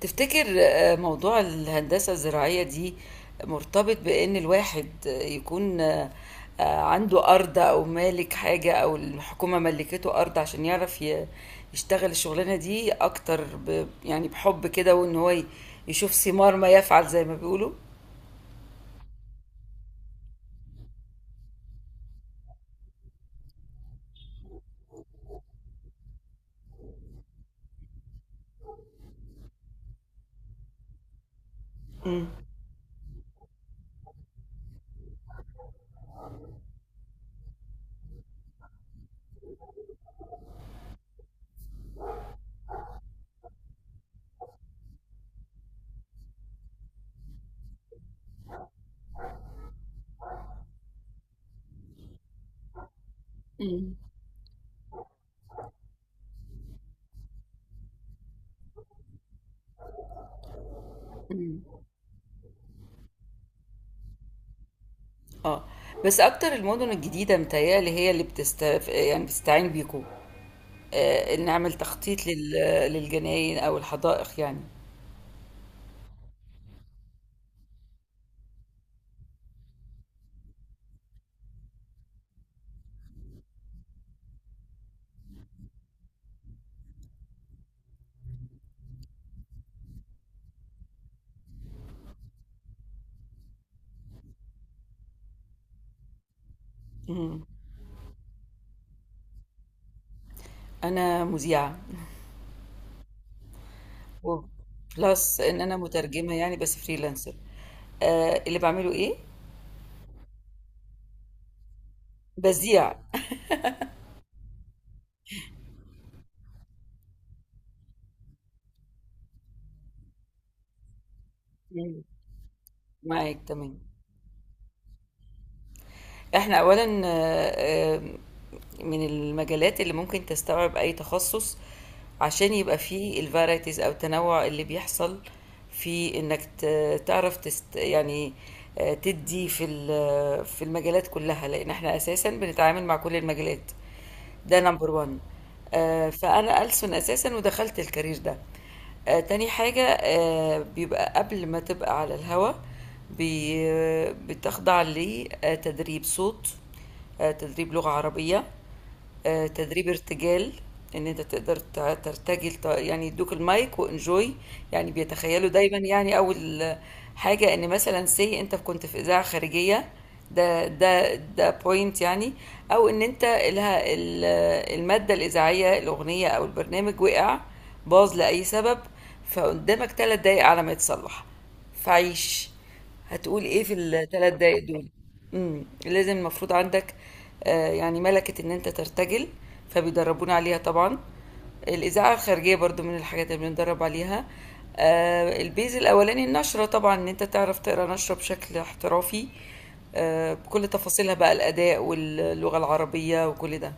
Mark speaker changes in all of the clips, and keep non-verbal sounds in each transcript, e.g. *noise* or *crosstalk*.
Speaker 1: تفتكر موضوع الهندسة الزراعية دي مرتبط بإن الواحد يكون عنده أرض أو مالك حاجة أو الحكومة ملكته أرض عشان يعرف يشتغل الشغلانة دي أكتر يعني بحب كده وإن هو يشوف ثمار ما يفعل زي ما بيقولوا؟ مم. مم. مم. اه، بس أكتر المدن الجديدة متهيألي هي اللي بتست، يعني بتستعين بيكوا، إن نعمل تخطيط للجناين أو الحدائق. يعني أنا مذيعة. وبلس إن أنا مترجمة، يعني بس فريلانسر. اللي بعمله إيه؟ بذيع. مم. معاك، تمام. إحنا أولا، من المجالات اللي ممكن تستوعب أي تخصص عشان يبقى فيه الفارايتيز أو التنوع اللي بيحصل في إنك تعرف تست يعني، تدي في في المجالات كلها لأن إحنا أساسا بنتعامل مع كل المجالات. ده نمبر 1. فانا ألسن اساسا ودخلت الكارير ده. تاني حاجة، بيبقى قبل ما تبقى على الهوا، بتخضع لتدريب صوت، تدريب لغة عربية، تدريب ارتجال. ان انت تقدر ترتجل، يعني يدوك المايك وانجوي. يعني بيتخيلوا دايما، يعني اول حاجة ان مثلا سي انت كنت في اذاعة خارجية، ده بوينت يعني. او ان انت لها المادة الاذاعية، الاغنية او البرنامج وقع، باظ لاي سبب، فقدامك 3 دقايق على ما يتصلح، فعيش، هتقول ايه في الـ 3 دقايق دول؟ لازم، المفروض عندك يعني ملكة ان انت ترتجل، فبيدربونا عليها طبعا. الإذاعة الخارجية برضو من الحاجات اللي بندرب عليها. البيز الأولاني النشرة، طبعا ان انت تعرف تقرا نشرة بشكل احترافي، بكل تفاصيلها بقى، الأداء واللغة العربية وكل ده.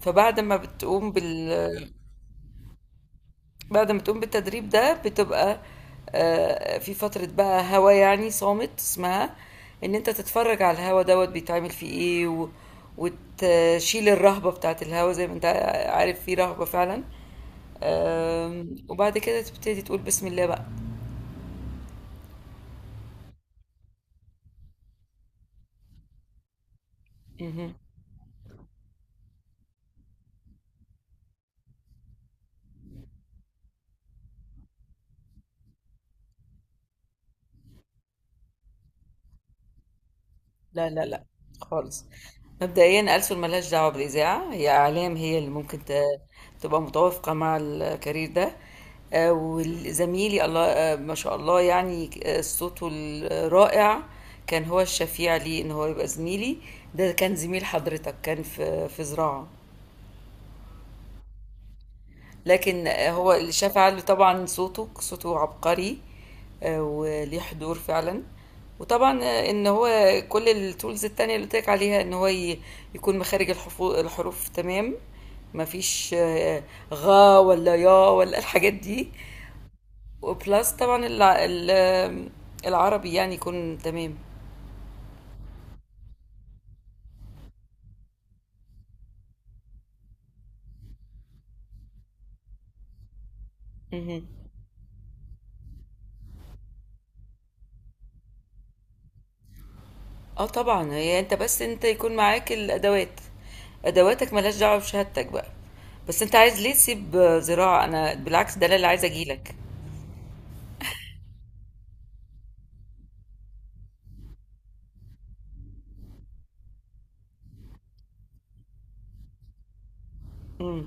Speaker 1: فبعد ما بتقوم بال بعد ما تقوم بالتدريب ده بتبقى في فترة بقى هوا يعني صامت، اسمها ان انت تتفرج على الهوا دوت بيتعمل فيه ايه وتشيل الرهبة بتاعت الهوا، زي ما انت عارف في رهبة فعلا. وبعد كده تبتدي تقول بسم الله بقى. مهم. لا، لا، لا، خالص. مبدئيا ألسن ملهاش دعوة بالإذاعة، هي إعلام، هي اللي ممكن تبقى متوافقة مع الكارير ده. وزميلي الله، ما شاء الله، يعني صوته الرائع كان هو الشفيع لي إن هو يبقى زميلي. ده كان زميل حضرتك، كان في زراعة. لكن هو اللي شاف علي طبعًا. صوته عبقري. وليه حضور فعلًا، وطبعًا إن هو كل الtools التانية اللي قُلت لك عليها، إن هو يكون مخارج الحروف تمام، ما فيش غ ولا يا ولا الحاجات دي، وplus طبعًا الع ال آه، العربي يعني يكون تمام. اهم. طبعًا، هي أنت، بس أنت يكون معاك الأدوات، أدواتك ما لهاش دعوة بشهادتك بقى. بس أنت عايز ليه تسيب زراعة؟ أنا بالعكس، ده أنا اللي عايزة أجي لك. إمم.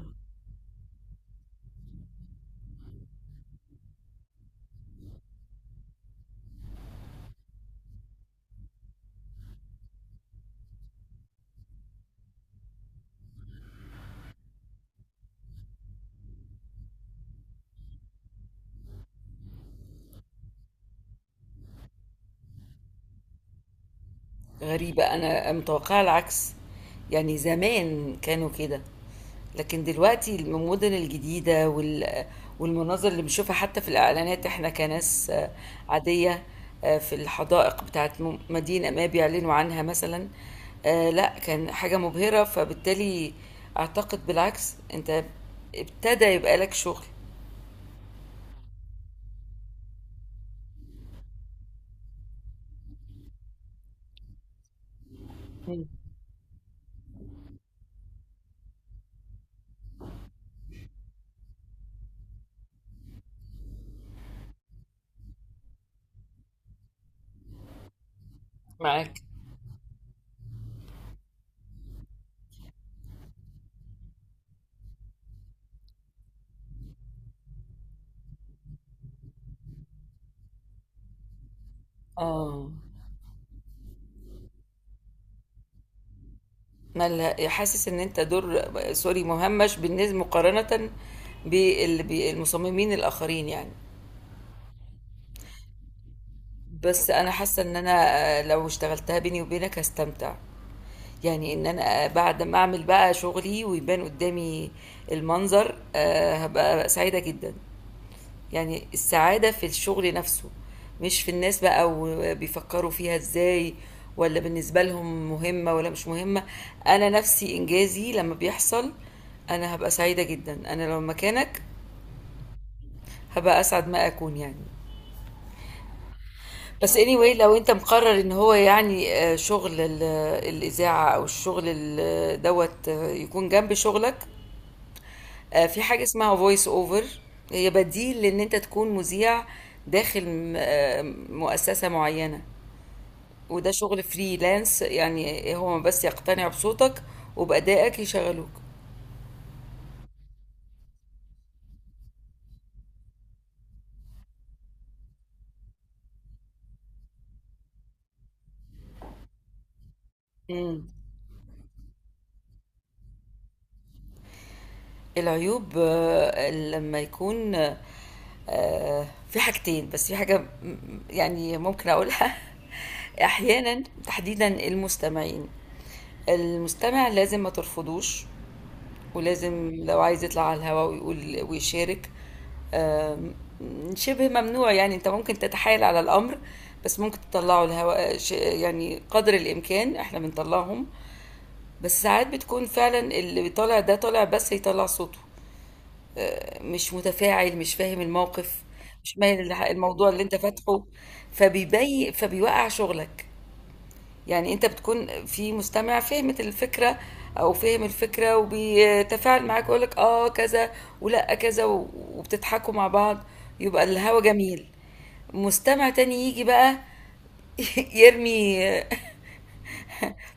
Speaker 1: غريبة، أنا متوقعة العكس، يعني زمان كانوا كده. لكن دلوقتي المدن الجديدة والمناظر اللي بنشوفها حتى في الإعلانات، إحنا كناس عادية، في الحدائق بتاعة مدينة ما بيعلنوا عنها مثلا، لا كان حاجة مبهرة، فبالتالي أعتقد بالعكس، أنت ابتدى يبقى لك شغل. مم. معاك. اه، مالها، حاسس ان انت دور سوري مهمش بالنسبه مقارنه بالمصممين الاخرين يعني. بس أنا حاسة إن أنا لو اشتغلتها بيني وبينك هاستمتع، يعني إن أنا بعد ما أعمل بقى شغلي ويبان قدّامي المنظر، هابقى سعيدة جدًا. يعني السعادة في الشغل نفسه، مش في الناس بقى وبيفكّروا فيها إزاي والّا بالنسبة لهم مهمة والّا مش مهمة. أنا نفسي إنجازي لمّا بيحصل أنا هابقى سعيدة جدًا، أنا لو مكانك هابقى أسعد ما أكون يعني. بس anyway لو انت مقرر ان هو يعني، شغل الاذاعه او الشغل دوت يكون جنب شغلك، في حاجه اسمها فويس اوفر. هي بديل لان انت تكون مذيع داخل مؤسسه معينه، وده شغل فريلانس، يعني هو بس يقتنع بصوتك وبأدائك يشغلوك. مم. العيوب، لما يكون في حاجتين، بس في حاجة يعني ممكن أقولها. *laughs* أحيانا تحديدا المستمعين، المستمع لازم ما ترفضوش، ولازم لو عايز يطلع على الهواء ويقول ويشارك. آم، شبه ممنوع، يعني انت ممكن تتحايل على الامر، بس ممكن تطلعه الهواء، يعني قدر الامكان احنا بنطلعهم. بس ساعات بتكون فعلا اللي طالع ده طالع بس يطلع صوته، مش متفاعل، مش فاهم الموقف، مش مايل الموضوع اللي انت فاتحه، فبيوقع شغلك. يعني انت بتكون في مستمع فهمت الفكرة او فهم الفكرة وبيتفاعل معاك ويقول لك اه كذا ولا كذا وبتضحكوا مع بعض، يبقى الهوا جميل. مستمع تاني يجي بقى *laughs* يرمي *laughs*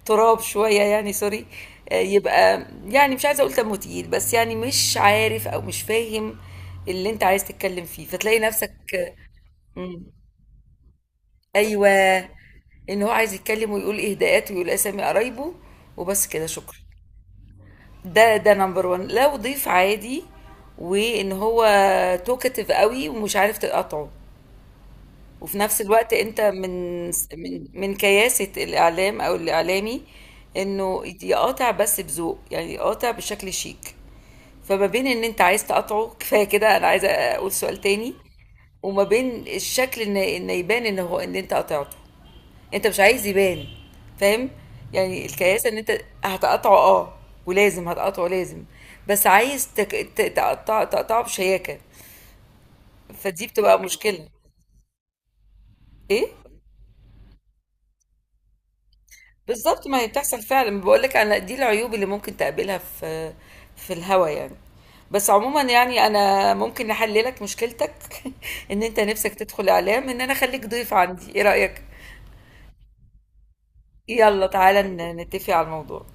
Speaker 1: تراب شوية، يعني سوري، يبقى يعني مش عايزة أقول تموتيل، بس يعني مش عارف أو مش فاهم اللي أنت عايز تتكلم فيه، فتلاقي نفسك أيوة، إن هو عايز يتكلم ويقول إهداءات ويقول أسامي قرايبه وبس كده شكرا. ده نمبر وان لو ضيف عادي، وإن هو توكتيف قوي ومش عارف تقاطعه، وفي نفس الوقت انت من كياسة الاعلام او الاعلامي انه يقاطع بس بذوق، يعني يقاطع بشكل شيك. فما بين ان انت عايز تقاطعه كفايه كده، انا عايزه اقول سؤال تاني، وما بين الشكل ان يبان ان هو ان انت قطعته، انت مش عايز يبان، فاهم. يعني الكياسه ان انت هتقطعه، اه، ولازم هتقطعه لازم، بس عايز تك... ت- تقطع تقطعه بشياكه. فدي بتبقى مشكله. ايه. بالظبط، ما هي بتحصل فعلا، بقول لك انا دي العيوب اللي ممكن تقابلها في الهوا يعني. بس عموما، يعني انا ممكن احل لك مشكلتك *laughs* ان انت نفسك تدخل اعلام، ان انا اخليك ضيف عندي، ايه رأيك؟ يلا تعالى نتفق على الموضوع.